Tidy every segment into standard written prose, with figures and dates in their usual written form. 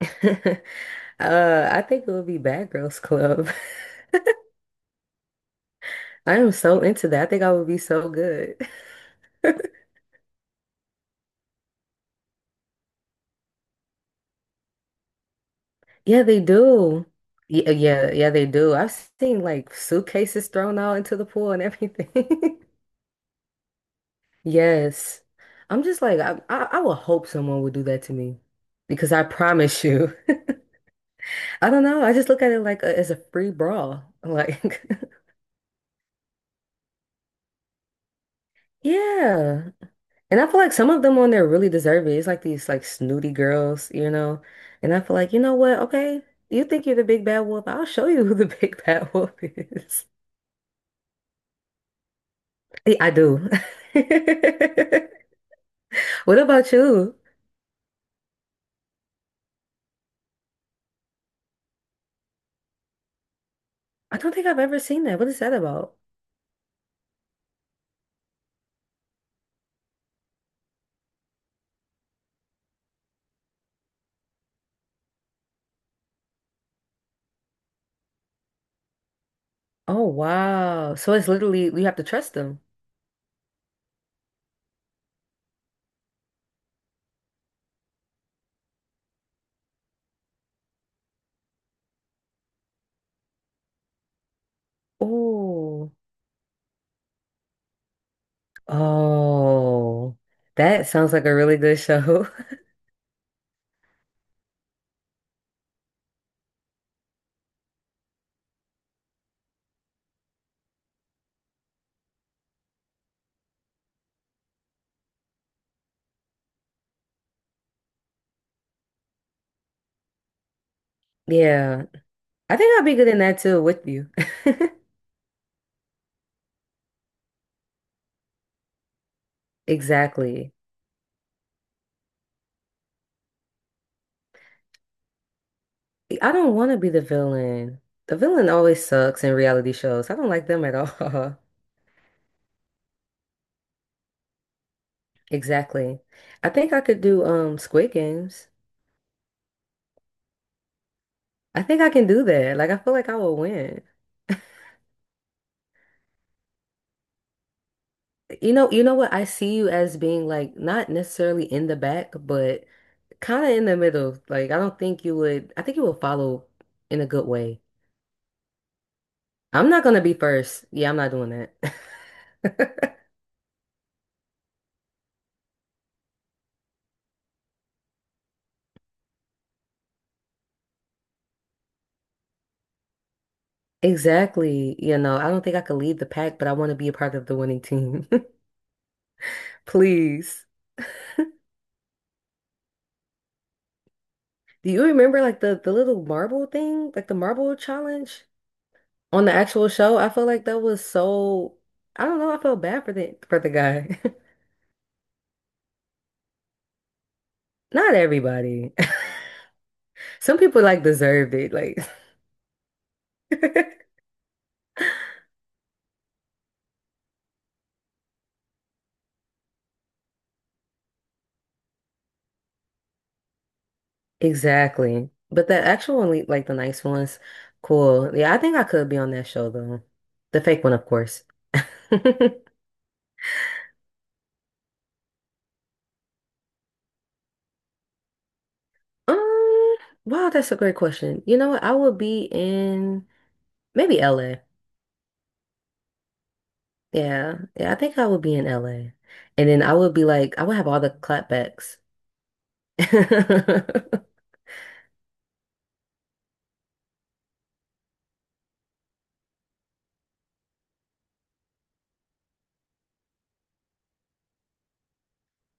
I think it would be Bad Girls Club. I am so into that. I think I would be so good. Yeah, they do. Yeah, yeah, yeah, they do. I've seen like suitcases thrown out into the pool and everything. Yes. I'm just like, I would hope someone would do that to me because I promise you. I don't know. I just look at it like as a free brawl. Like, yeah. And I feel like some of them on there really deserve it. It's like these like snooty girls, you know. And I feel like, you know what? Okay, you think you're the big bad wolf. I'll show you who the big bad wolf is. Yeah, I do. What about you? I don't think I've ever seen that. What is that about? Oh, wow. So it's literally you have to trust them. Oh. Oh. That sounds like a really good show. Yeah. I think I'll be good in that too with you. Exactly. I don't want to be the villain. The villain always sucks in reality shows. I don't like them at all. Exactly. I think I could do Squid Games. I think I can do that. Like I feel like I will win. You know what? I see you as being like not necessarily in the back, but kind of in the middle. Like I don't think you would. I think you will follow in a good way. I'm not gonna be first. Yeah, I'm not doing that. Exactly. You know, I don't think I could lead the pack, but I want to be a part of the winning team. Please. Do you remember like the little marble thing, like the marble challenge on the actual show? I feel like that was so I don't know, I felt bad for the guy. Not everybody. Some people like deserved it, like exactly. But the actual one, like the nice ones, cool. Yeah, I think I could be on that show though. The fake one, of course. Um, wow, that's a great question. You know what? I would be in maybe LA. Yeah, yeah, I think I would be in LA. And then I would be like, I would have all the clapbacks.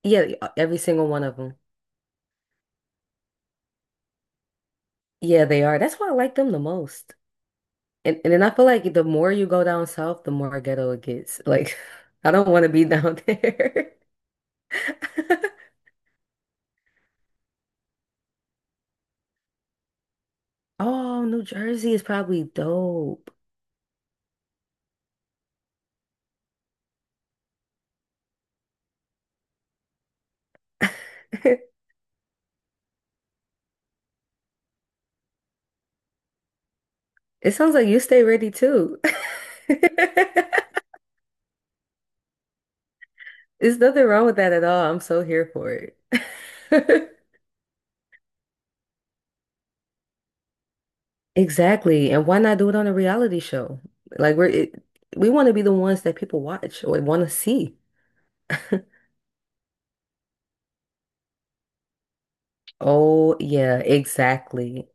Yeah, every single one of them. Yeah, they are. That's why I like them the most. And then I feel like the more you go down south, the more ghetto it gets. Like, I don't want to be down there. Oh, New Jersey is probably dope. It sounds like you stay ready too. There's nothing wrong with that at all. I'm so here for it. Exactly. And why not do it on a reality show? Like we're it, we want to be the ones that people watch or want to see. Oh yeah, exactly.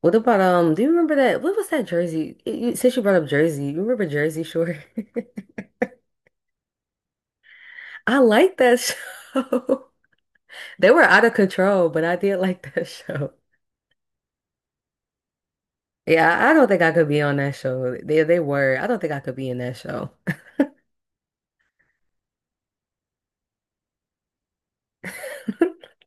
What about um? Do you remember that? What was that Jersey? Since you brought up Jersey, you remember Jersey Shore? I like that show. They were out of control, but I did like that show. Yeah, I don't think I could be on that show. They were. I don't think I could be in that show.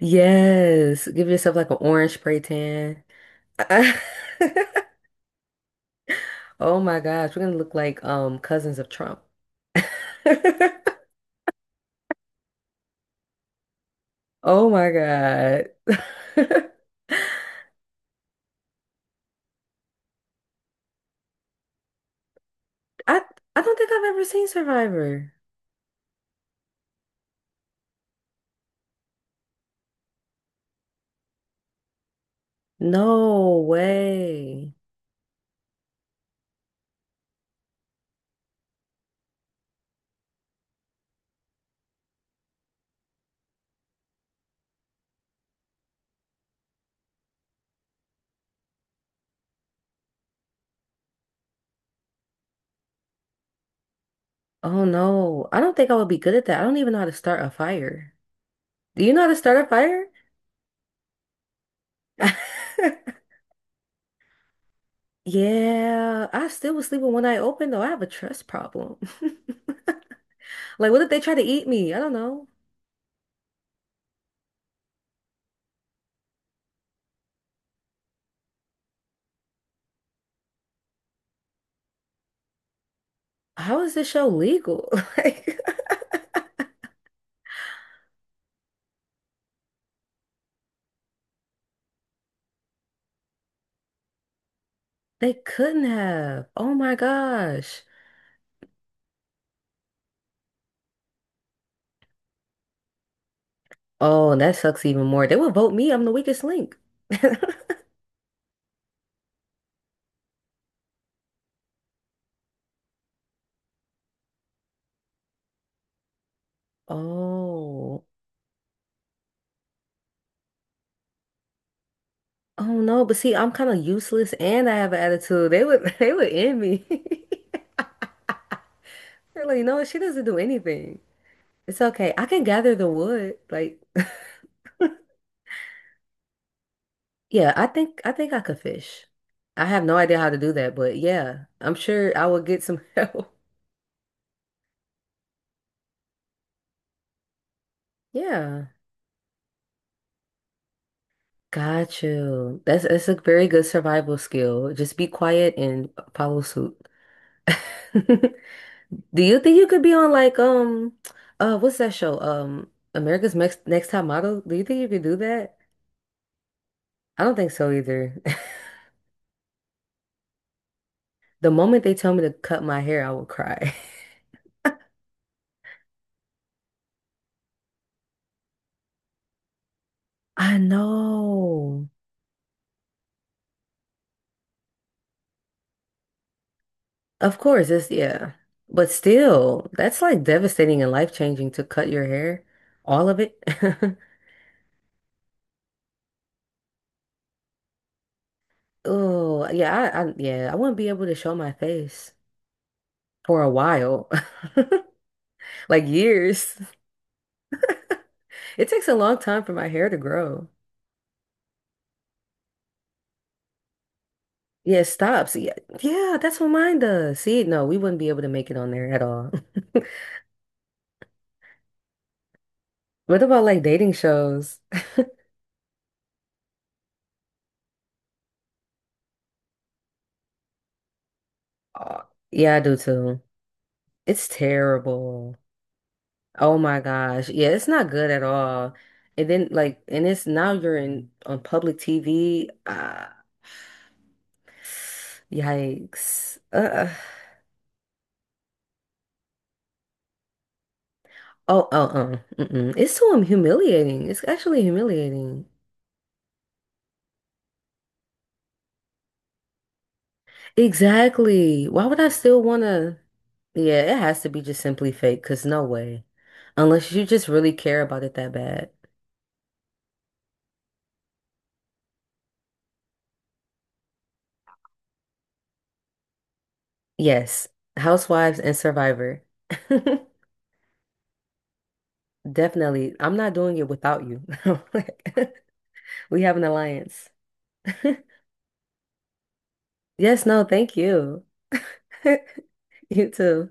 Yes, give yourself like an orange spray tan. Oh my gosh, we're gonna look like cousins of Trump. Oh my God. I don't think I've ever seen Survivor. No way. Oh no. I don't think I would be good at that. I don't even know how to start a fire. Do you know how to start a fire? Yeah, I still was sleeping one eye open though. I have a trust problem. Like, what if they try to eat me? I don't know. How is this show legal? Like, they couldn't have. Oh my gosh. Oh, and that sucks even more. They will vote me. I'm the weakest link. Oh. Oh no, but see, I'm kind of useless and I have an attitude. They would they would end me. They're like, no, she doesn't do anything. It's okay. I can gather the wood. Like, yeah, I think I think I could fish. I have no idea how to do that, but yeah, I'm sure I will get some help. Yeah. Got you. That's a very good survival skill. Just be quiet and follow suit. Do you think you could be on like what's that show? America's Next Top Model? Do you think you could do that? I don't think so either. The moment they tell me to cut my hair, I will cry. I know. Of course, it's yeah. But still, that's like devastating and life-changing to cut your hair, all of it. Oh, yeah, I yeah, I wouldn't be able to show my face for a while, like years. It takes a long time for my hair to grow. Yeah, it stops. Yeah, yeah, that's what mine does. See, no, we wouldn't be able to make it on there at all. What about like dating shows? Oh, yeah, I do too. It's terrible. Oh my gosh. Yeah, it's not good at all. And then like, and it's now you're in on public TV. Ah, yikes. Oh, oh, oh. Mm-mm. It's so humiliating. It's actually humiliating. Exactly. Why would I still wanna? Yeah, it has to be just simply fake, because no way. Unless you just really care about it that bad. Yes, Housewives and Survivor. Definitely. I'm not doing it without you. Like, we have an alliance. Yes, no, thank you. You too.